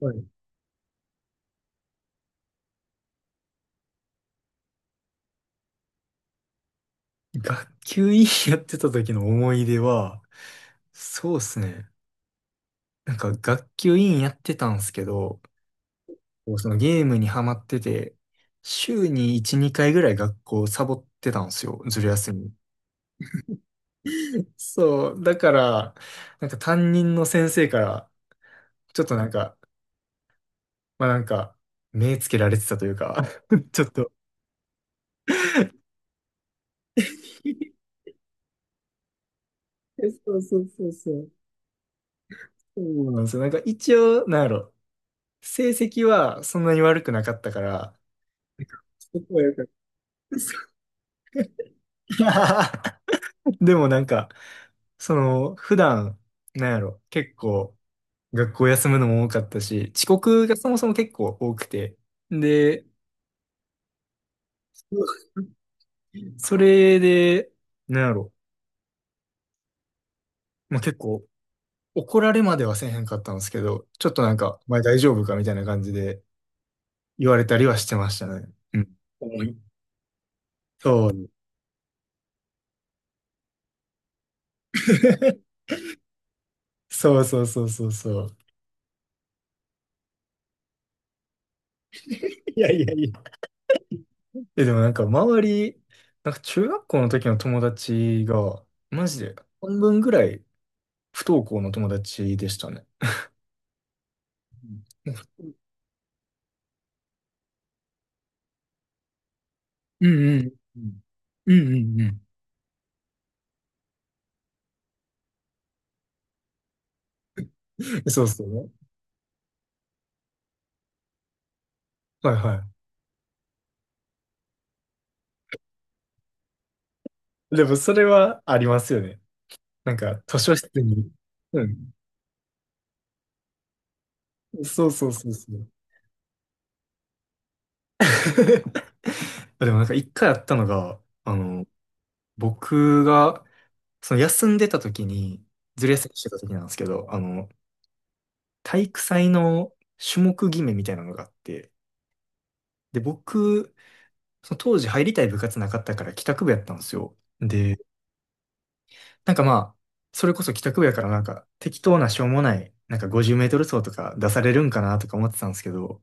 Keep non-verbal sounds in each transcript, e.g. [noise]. はい。学級委員やってた時の思い出は、そうですね。学級委員やってたんですけど、そのゲームにハマってて、週に1、2回ぐらい学校サボってたんですよ。ずる休み。そう。だから、担任の先生から、ちょっとなんか、まあなんか、目つけられてたというか、[laughs] ちょっとえ、そうそうそうそう。そうなんですよ。一応、なんやろ、成績はそんなに悪くなかったから、[laughs] そこはよかったです。[laughs] でも、その、普段、なんやろ、結構、学校休むのも多かったし、遅刻がそもそも結構多くて、で、それで、なんやろ、まあ、結構、怒られまではせえへんかったんですけど、ちょっとお前大丈夫かみたいな感じで言われたりはしてましたね。うん。重い。そう。[laughs] そうそうそうそうそう。いやいやいや。え、でもなんか周り、なんか中学校の時の友達が、マジで半分ぐらい不登校の友達でしたね。うん。 [laughs] うんうんうん。うんうん。そう。 [laughs] そうね。はいはい。でもそれはありますよね。図書室に。うん。そうそうそうそう。[laughs] でも一回あったのが、僕が、その休んでた時に、ずる休みしてた時なんですけど、あの、体育祭の種目決めみたいなのがあって、で、僕、その当時入りたい部活なかったから帰宅部やったんですよ。で、なんかまあ、それこそ帰宅部やから適当なしょうもない、50メートル走とか出されるんかなとか思ってたんですけど、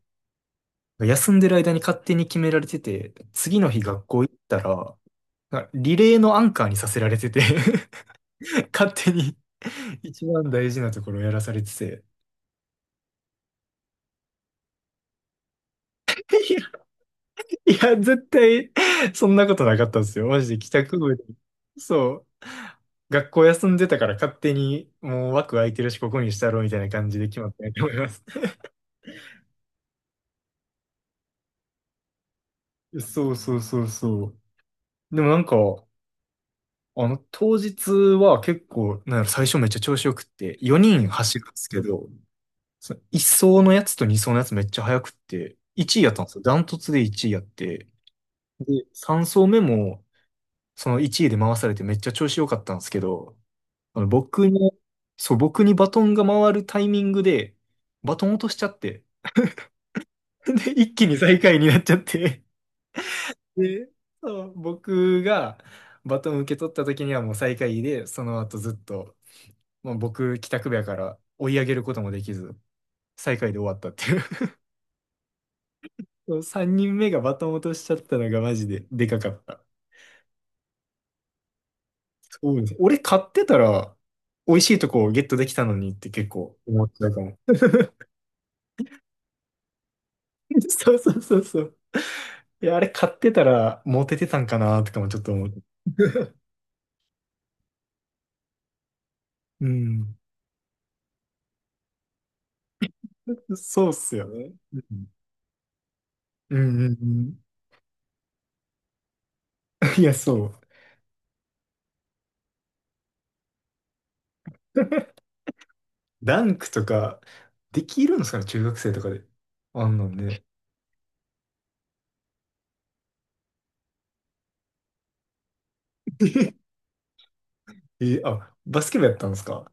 休んでる間に勝手に決められてて、次の日学校行ったら、リレーのアンカーにさせられてて。 [laughs] 勝手に一番大事なところをやらされてて。いや、絶対、そんなことなかったんですよ。マジで帰宅部で。そう。学校休んでたから勝手に、もう枠空いてるし、ここにしたろ、みたいな感じで決まったんやと思います。[laughs] そうそうそうそう。でも当日は結構、なんやろ、最初めっちゃ調子よくって、4人走るんですけど、その1走のやつと2走のやつめっちゃ速くって、1位やったんですよ。ダントツで1位やって。で、3走目も、その1位で回されてめっちゃ調子良かったんですけど、あの僕に、そう、僕にバトンが回るタイミングで、バトン落としちゃって、[laughs] で、一気に最下位になっちゃって、で、そう、僕がバトン受け取った時にはもう最下位で、その後ずっと、まあ、僕、帰宅部やから追い上げることもできず、最下位で終わったっていう。[laughs] そう、3人目がバトン落としちゃったのがマジででかかった。そうです。俺買ってたら、美味しいとこをゲットできたのにって結構思っちゃうかも。[laughs] そうそうそうそう。いや、あれ買ってたらモテてたんかなとかもちょっと思う。[laughs] うん。そうっすよね。うん。うんうんうん。いや、そう。[laughs] ダンクとか、できるんですかね、中学生とかで。あんなんで。[laughs] え、あ、バスケ部やったんですか？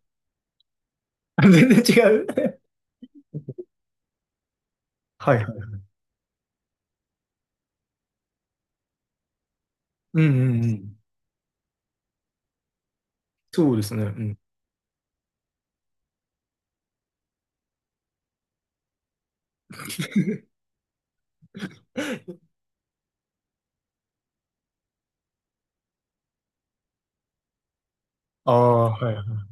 [laughs] 全然違う。[laughs] はいはい。うんうんうん。そうですね。うん。[laughs] ああ、はいはい。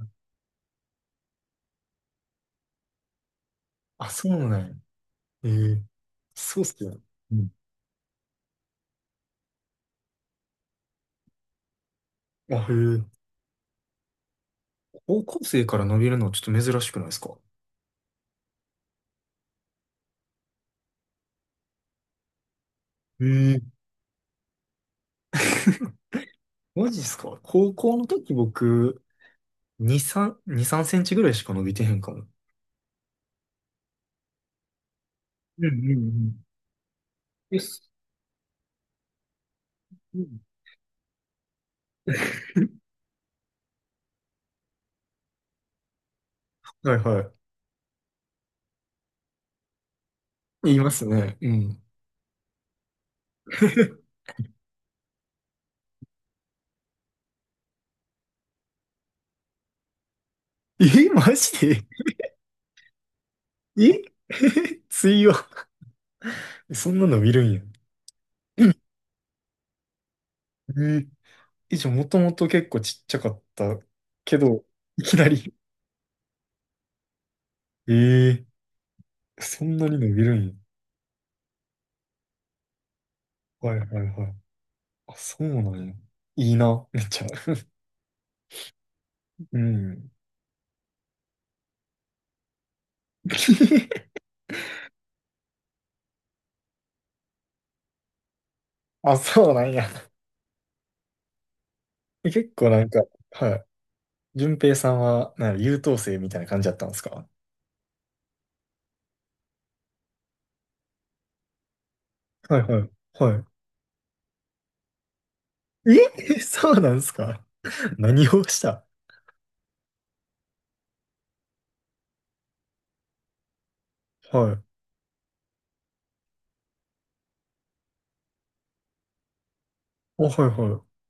あ、そうなんや。えー、そうっすよ。うん。あ、へえ。高校生から伸びるのちょっと珍しくないですか？へえ。[laughs] マジっすか？高校の時僕、2、3、2、3センチぐらいしか伸びてへんかも。うんうんうん。え、す、うん。はいはい。言いますね。うん。[laughs] え、マジで？え。 [laughs] 水曜。そんな伸びるんや。うん。え、じゃあもともと結構ちっちゃかったけど、いきなり。[laughs] ええ、そんなに伸びるんや。はいはいはい。あ、そうなんや。いいな、めっちゃ。うん。[laughs] あ、そうなんや。結構なんか、はい。順平さんは、なんか優等生みたいな感じだったんですか？はいはい。はい。え。 [laughs] そうなんですか？何をした？はい。お、はいはい。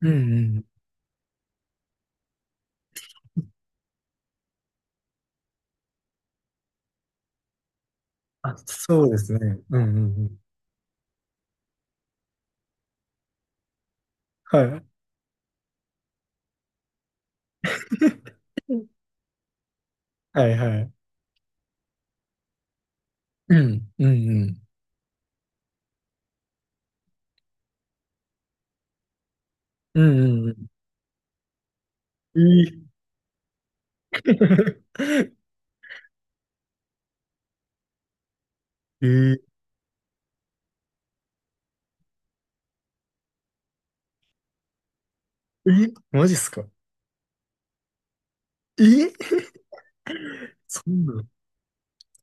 うんうん。あ、そうですね。うんうんうん。はい。うん、はいはい。うん、うんうん。うんうんうん。えー。[laughs] えー、え、マジっすか？えー、そんなん、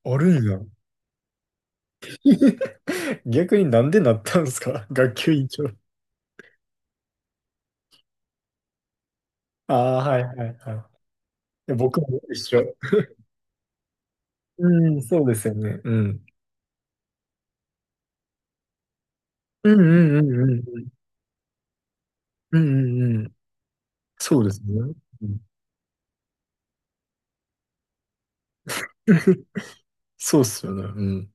あるんや。[laughs] 逆になんでなったんですか、学級委員長。ああ、はいはいはい。いや僕も一緒。うん、そうですよね。うん。うんうんうんうんうん。うんうんうん。そうですね。うん。 [laughs] そうっすよね。うん。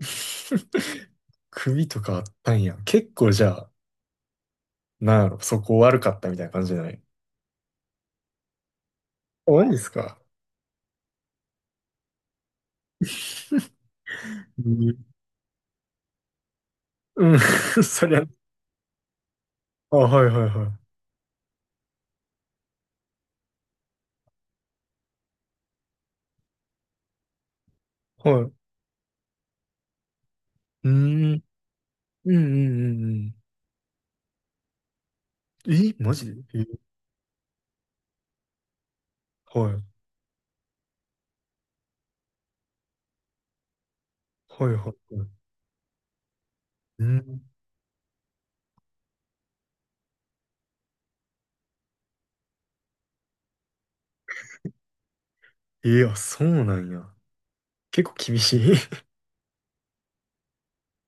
[laughs] 首とかあったんや。結構じゃあ、なんやろ、そこ悪かったみたいな感じじゃない？あ、マジですか？うん。うん。 [laughs] そりゃ。あ、はいはいはい。はい。うん。うんうんうんうん。え、マジで？え、はい。はいはいはい。うん。え、あ、そうなんや。結構厳しい。